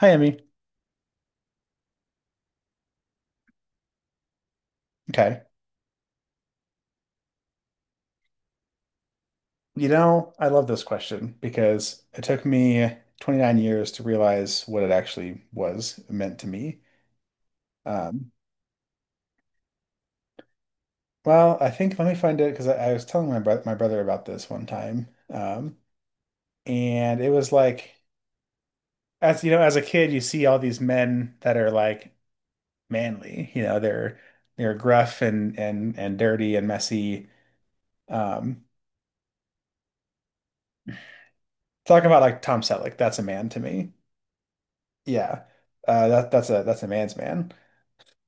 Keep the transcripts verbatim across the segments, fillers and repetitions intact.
Hi, Emmy. Okay. You know, I love this question because it took me twenty-nine years to realize what it actually was meant to me. Um, well, I think let me find it because I, I was telling my bro my brother about this one time, um, and it was like, as you know, as a kid, you see all these men that are like manly. You know, they're they're gruff and and and dirty and messy. Um, Talking about like Tom Selleck, that's a man to me. Yeah, uh, that that's a that's a man's man.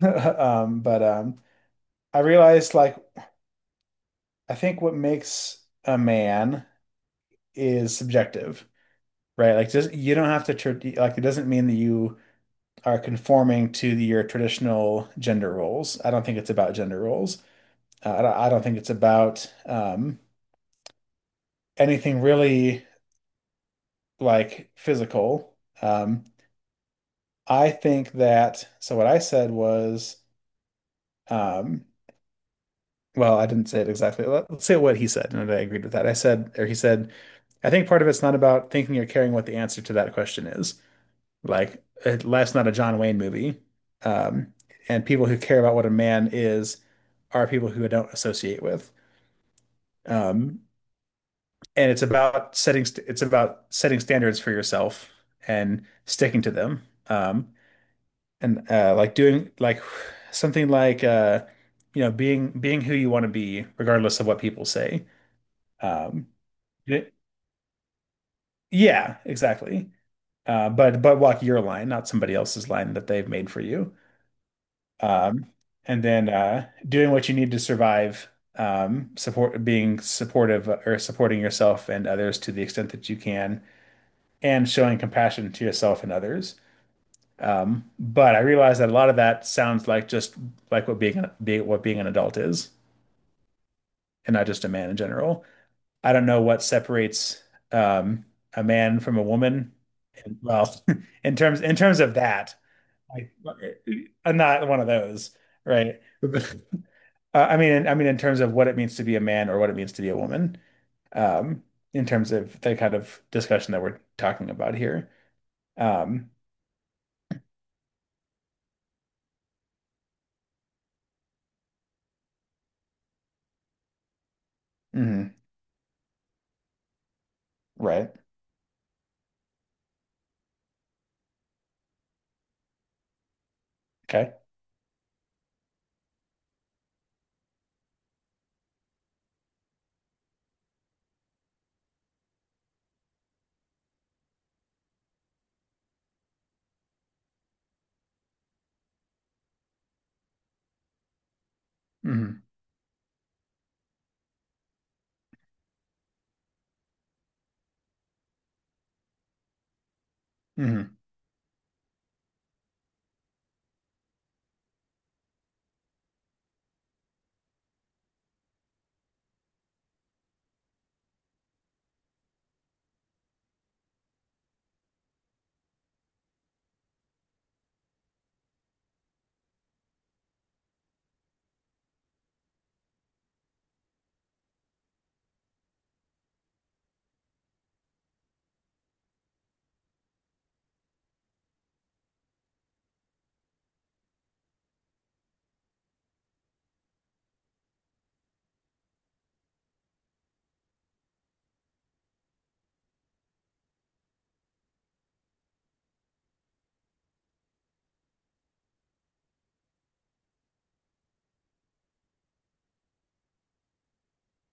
Um, but um, I realized like I think what makes a man is subjective, right? Like just you don't have to tr Like it doesn't mean that you are conforming to the, your traditional gender roles. I don't think it's about gender roles. Uh, I don't, I don't think it's about um, anything really like physical. Um, I think that so what I said was, um, well, I didn't say it exactly. Let- Let's say what he said, and I agreed with that. I said, or he said, I think part of it's not about thinking or caring what the answer to that question is. Like, uh, life's not a John Wayne movie. Um, and people who care about what a man is are people who I don't associate with. Um, and it's about setting st it's about setting standards for yourself and sticking to them. Um, and uh, Like doing like something like uh, you know, being being who you want to be, regardless of what people say. Um, y- yeah, exactly. Uh, but but walk your line, not somebody else's line that they've made for you. Um, and then uh, doing what you need to survive, um, support being supportive, uh, or supporting yourself and others to the extent that you can, and showing compassion to yourself and others. Um, but I realize that a lot of that sounds like just like what being an, be, what being an adult is, and not just a man in general. I don't know what separates, um, a man from a woman. And, well, in terms in terms of that, I, I'm not one of those, right? But Uh, I mean, I mean, in terms of what it means to be a man or what it means to be a woman, um, in terms of the kind of discussion that we're talking about here. Um, mhm, right. Okay. Hmm. Hmm.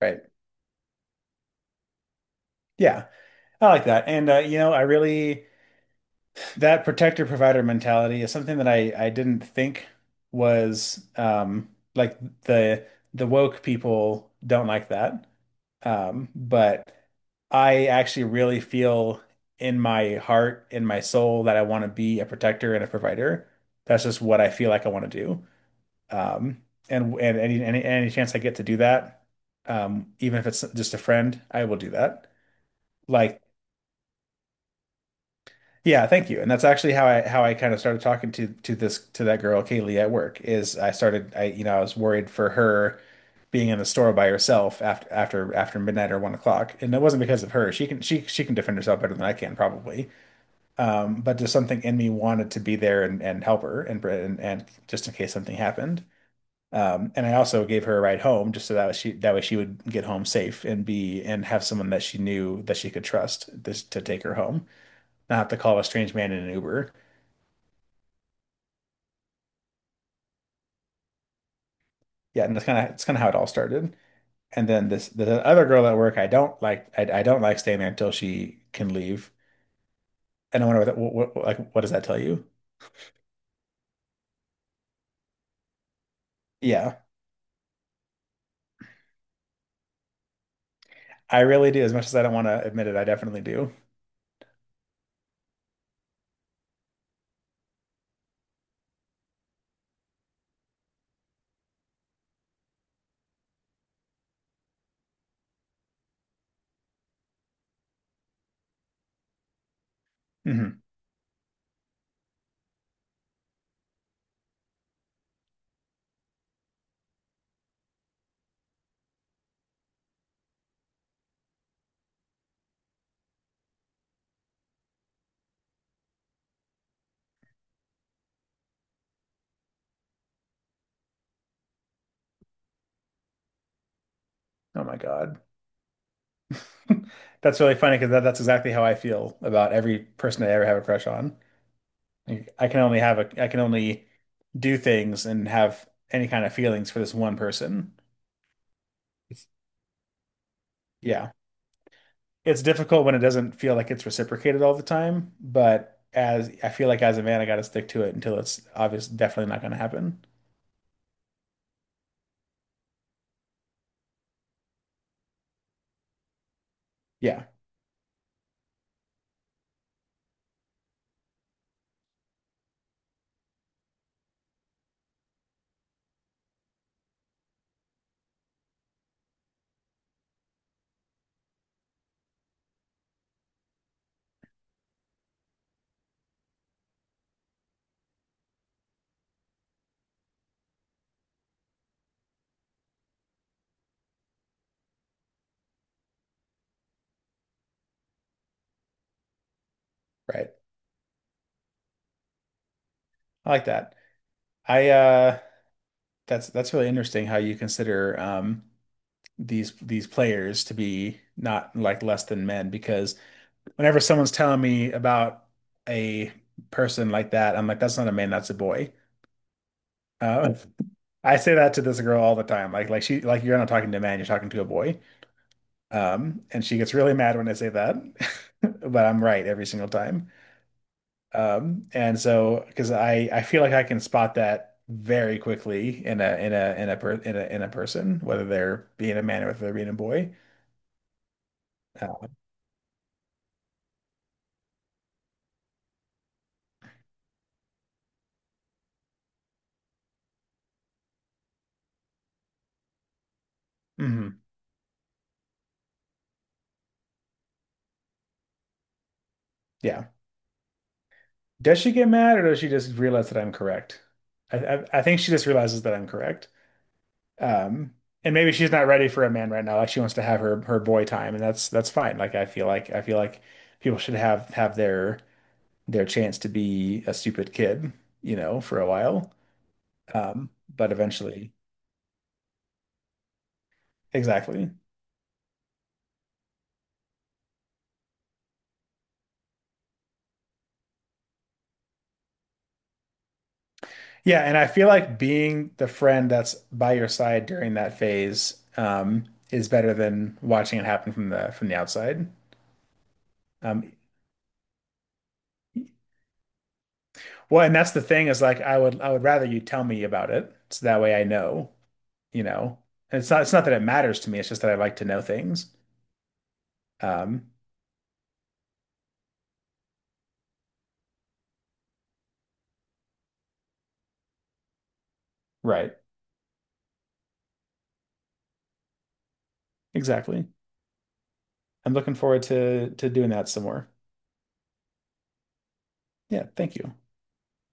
Right. Yeah, I like that. And uh, you know, I really. That protector provider mentality is something that I I didn't think was, um like, the the woke people don't like that. Um, but I actually really feel in my heart, in my soul, that I want to be a protector and a provider. That's just what I feel like I want to do. Um, and and any any any chance I get to do that, um, even if it's just a friend, I will do that. Like, yeah, thank you. And that's actually how I how I kind of started talking to to this to that girl Kaylee at work. Is I started I you know I was worried for her being in the store by herself after after after midnight or one o'clock, and it wasn't because of her. She can she she can defend herself better than I can probably. Um, but just something in me wanted to be there and and help her and and, and just in case something happened. Um, and I also gave her a ride home just so that she that way she would get home safe and be and have someone that she knew that she could trust this to take her home, not have to call a strange man in an Uber. Yeah, and that's kind of it's kind of how it all started. And then this the other girl at work, I don't like I, I don't like staying there until she can leave. And I wonder what, what, what, like, what does that tell you? Yeah, I really do. As much as I don't want to admit it, I definitely do. Hmm. Oh my God, that's really funny because that, that's exactly how I feel about every person I ever have a crush on. Like, I can only have a I can only do things and have any kind of feelings for this one person. It's, yeah, it's difficult when it doesn't feel like it's reciprocated all the time, but as I feel like as a man, I got to stick to it until it's obvious definitely not going to happen. Yeah, right. I like that. I uh That's that's really interesting how you consider, um these these players to be not like less than men, because whenever someone's telling me about a person like that, I'm like that's not a man, that's a boy. Uh, I say that to this girl all the time. Like like she like You're not talking to a man, you're talking to a boy. Um, and she gets really mad when I say that, but I'm right every single time. Um, and so, because I I feel like I can spot that very quickly in a in a in a per, in a in a person, whether they're being a man or whether they're being a boy. Uh, mhm. Yeah. Does she get mad or does she just realize that I'm correct? I, I I think she just realizes that I'm correct. Um, and maybe she's not ready for a man right now. Like she wants to have her her boy time, and that's that's fine. Like I feel like I feel like people should have have their their chance to be a stupid kid, you know, for a while. Um, but eventually, exactly. Yeah, and I feel like being the friend that's by your side during that phase, um, is better than watching it happen from the from the outside. Um, well, and that's the thing, is like I would I would rather you tell me about it so that way I know, you know. And it's not it's not that it matters to me, it's just that I like to know things. Um, right. Exactly. I'm looking forward to to doing that some more. Yeah, thank you.